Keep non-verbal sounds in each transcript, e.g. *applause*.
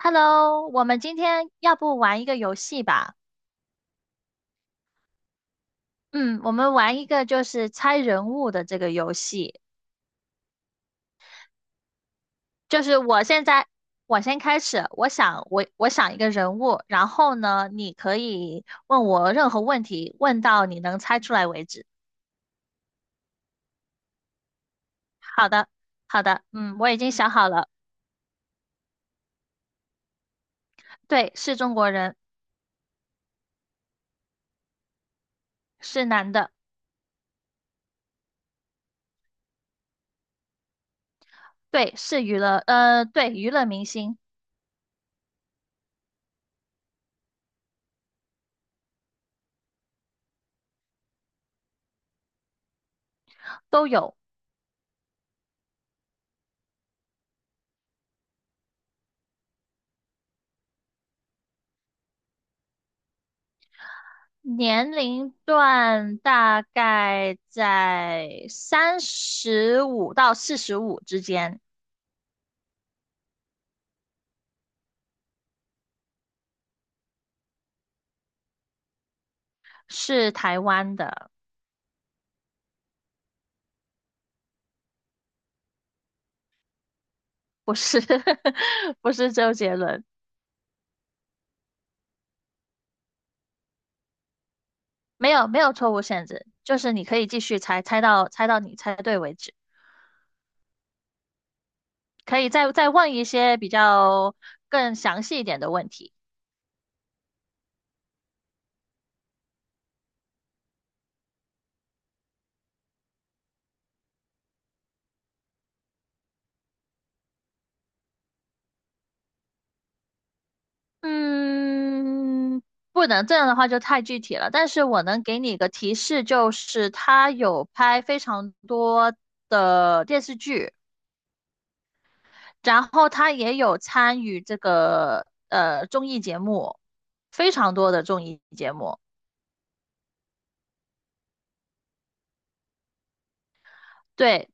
Hello，我们今天要不玩一个游戏吧？嗯，我们玩一个就是猜人物的这个游戏。就是我现在，我先开始，我想我想一个人物，然后呢，你可以问我任何问题，问到你能猜出来为止。好的，好的，嗯，我已经想好了，对，是中国人，是男的，对，是娱乐，对，娱乐明星都有。年龄段大概在35到45之间，是台湾的，不是 *laughs* 不是周杰伦，没有没有错误限制，就是你可以继续猜，猜到你猜对为止，可以再问一些比较更详细一点的问题。嗯，不能这样的话就太具体了，但是我能给你一个提示，就是他有拍非常多的电视剧，然后他也有参与这个综艺节目，非常多的综艺节目，对，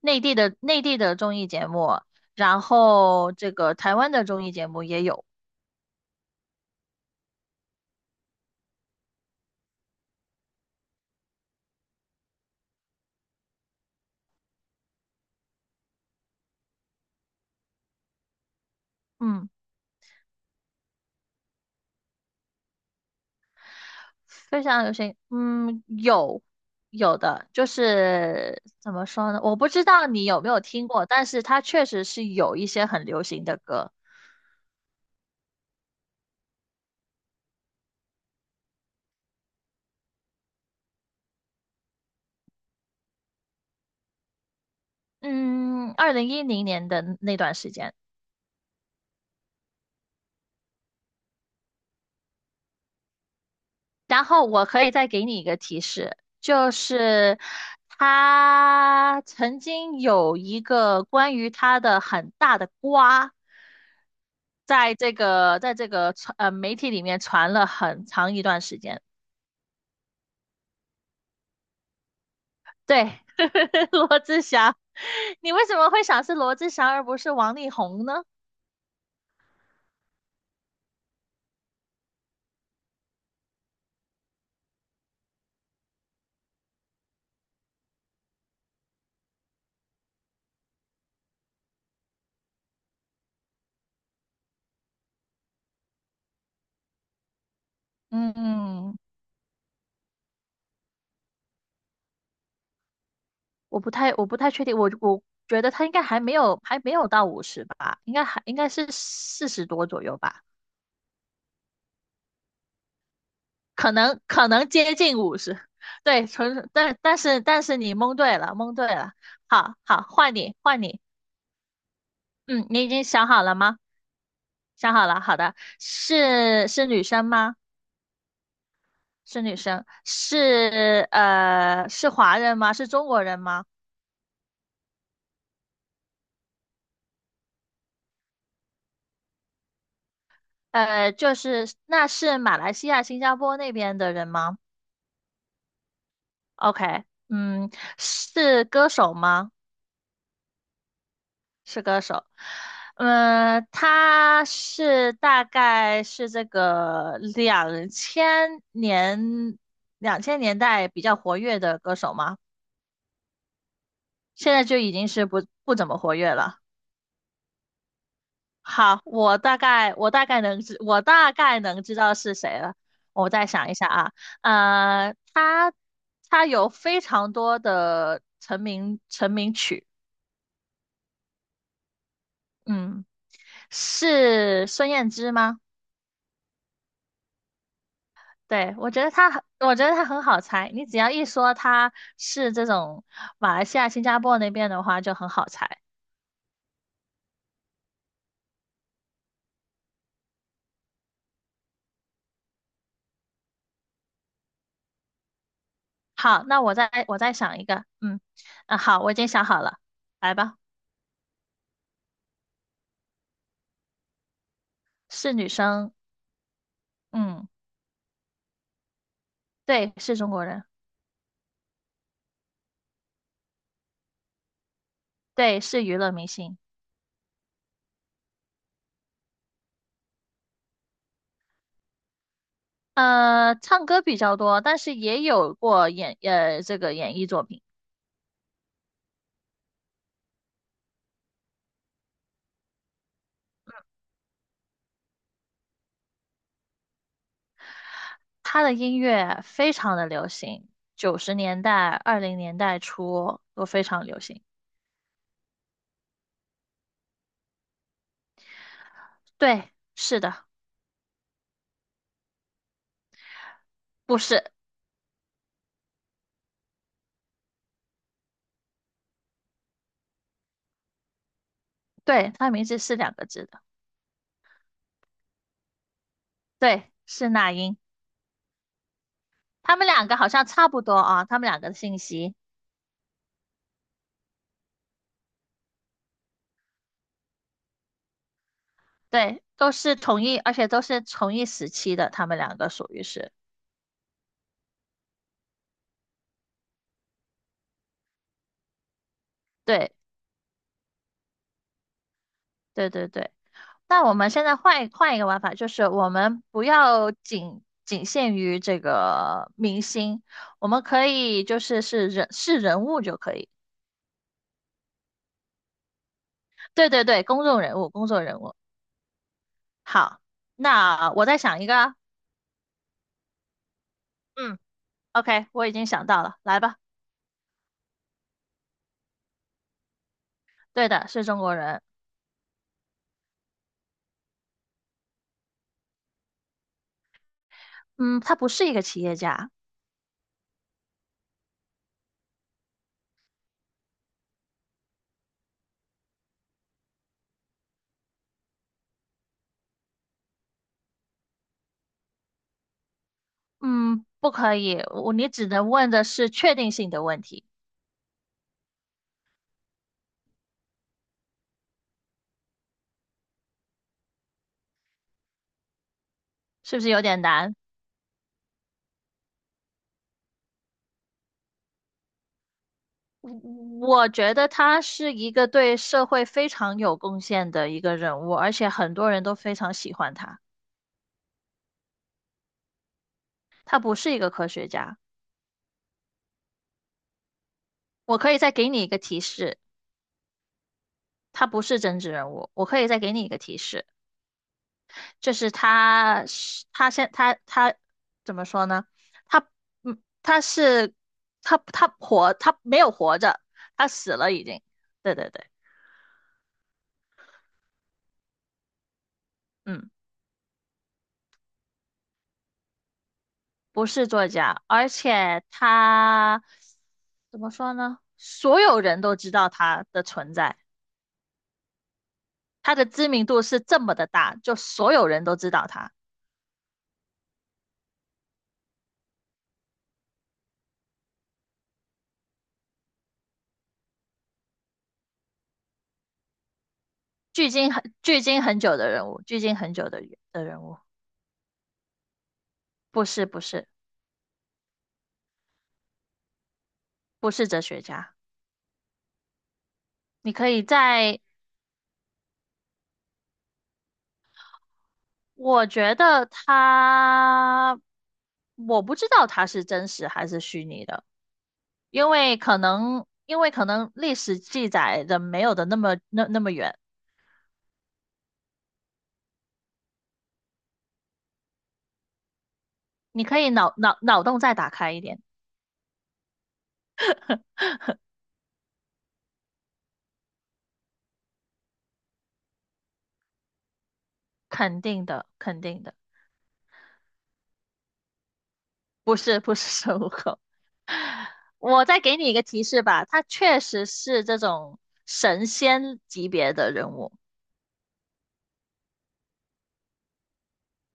内地的综艺节目，然后这个台湾的综艺节目也有，嗯。非常流行，嗯，有有的，就是怎么说呢？我不知道你有没有听过，但是它确实是有一些很流行的歌。嗯，2010年的那段时间，然后我可以再给你一个提示，就是他曾经有一个关于他的很大的瓜，在这个传媒体里面传了很长一段时间。对，*laughs* 罗志祥，你为什么会想是罗志祥而不是王力宏呢？嗯，我不太确定，我觉得他应该还没有，还没有到五十吧，应该是40多左右吧，可能接近五十。对，纯，但是你蒙对了，蒙对了。好好，换你，嗯，你已经想好了吗？想好了，好的，是是女生吗？是女生，是是华人吗？是中国人吗？呃，就是那是马来西亚、新加坡那边的人吗？OK，嗯，是歌手吗？是歌手。嗯，他大概是这个2000年代比较活跃的歌手吗？现在就已经是不怎么活跃了。好，我大概能知道是谁了。我再想一下啊，呃，他他有非常多的成名曲，嗯，是孙燕姿吗？对，我觉得他很好猜。你只要一说他是这种马来西亚、新加坡那边的话，就很好猜。好，那我再想一个，嗯，啊，好，我已经想好了，来吧，是女生，嗯，对，是中国人。对，是娱乐明星，呃，唱歌比较多，但是也有过演，呃，这个演艺作品。他的音乐非常的流行，90年代、20年代初都非常流行。对，是的，不是，对，他名字是两个字的，对，是那英。他们两个好像差不多啊，他们两个的信息，对，都是同一，而且都是同一时期的，他们两个属于是，对，对对对。那我们现在换一个玩法，就是我们不要仅仅限于这个明星，我们可以就是是人物就可以。对对对，公众人物，公众人物。好，那我再想一个啊。嗯，OK，我已经想到了，来吧。对的，是中国人。嗯，他不是一个企业家。嗯，不可以，你只能问的是确定性的问题，是不是有点难？我觉得他是一个对社会非常有贡献的一个人物，而且很多人都非常喜欢他。他不是一个科学家，我可以再给你一个提示，他不是政治人物。我可以再给你一个提示，就是他是他现他他怎么说呢？他他是他他活他没有活着，他死了已经。对对对，嗯。不是作家，而且他怎么说呢？所有人都知道他的存在，他的知名度是这么的大，就所有人都知道他，距今很久的人物，距今很久的人的人物，不是不是不是哲学家，你可以在，我觉得他，我不知道他是真实还是虚拟的。因为可能，因为可能历史记载的没有的那么那么远，你可以脑洞再打开一点，肯定的，肯定的，不是不是孙悟空。*laughs* 我再给你一个提示吧，他确实是这种神仙级别的人物，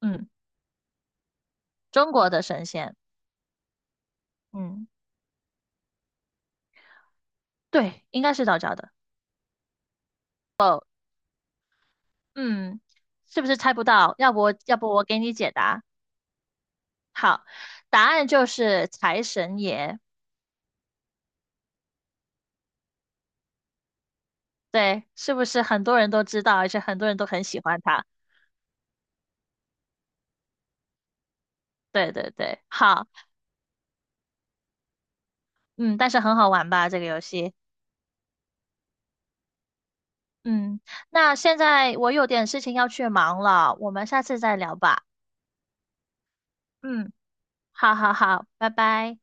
嗯，中国的神仙，嗯，对，应该是道教的，嗯，是不是猜不到？要不我给你解答，好，答案就是财神爷，对，是不是很多人都知道，而且很多人都很喜欢他？对对对，好，嗯，但是很好玩吧，这个游戏。嗯，那现在我有点事情要去忙了，我们下次再聊吧。嗯，好好好，拜拜。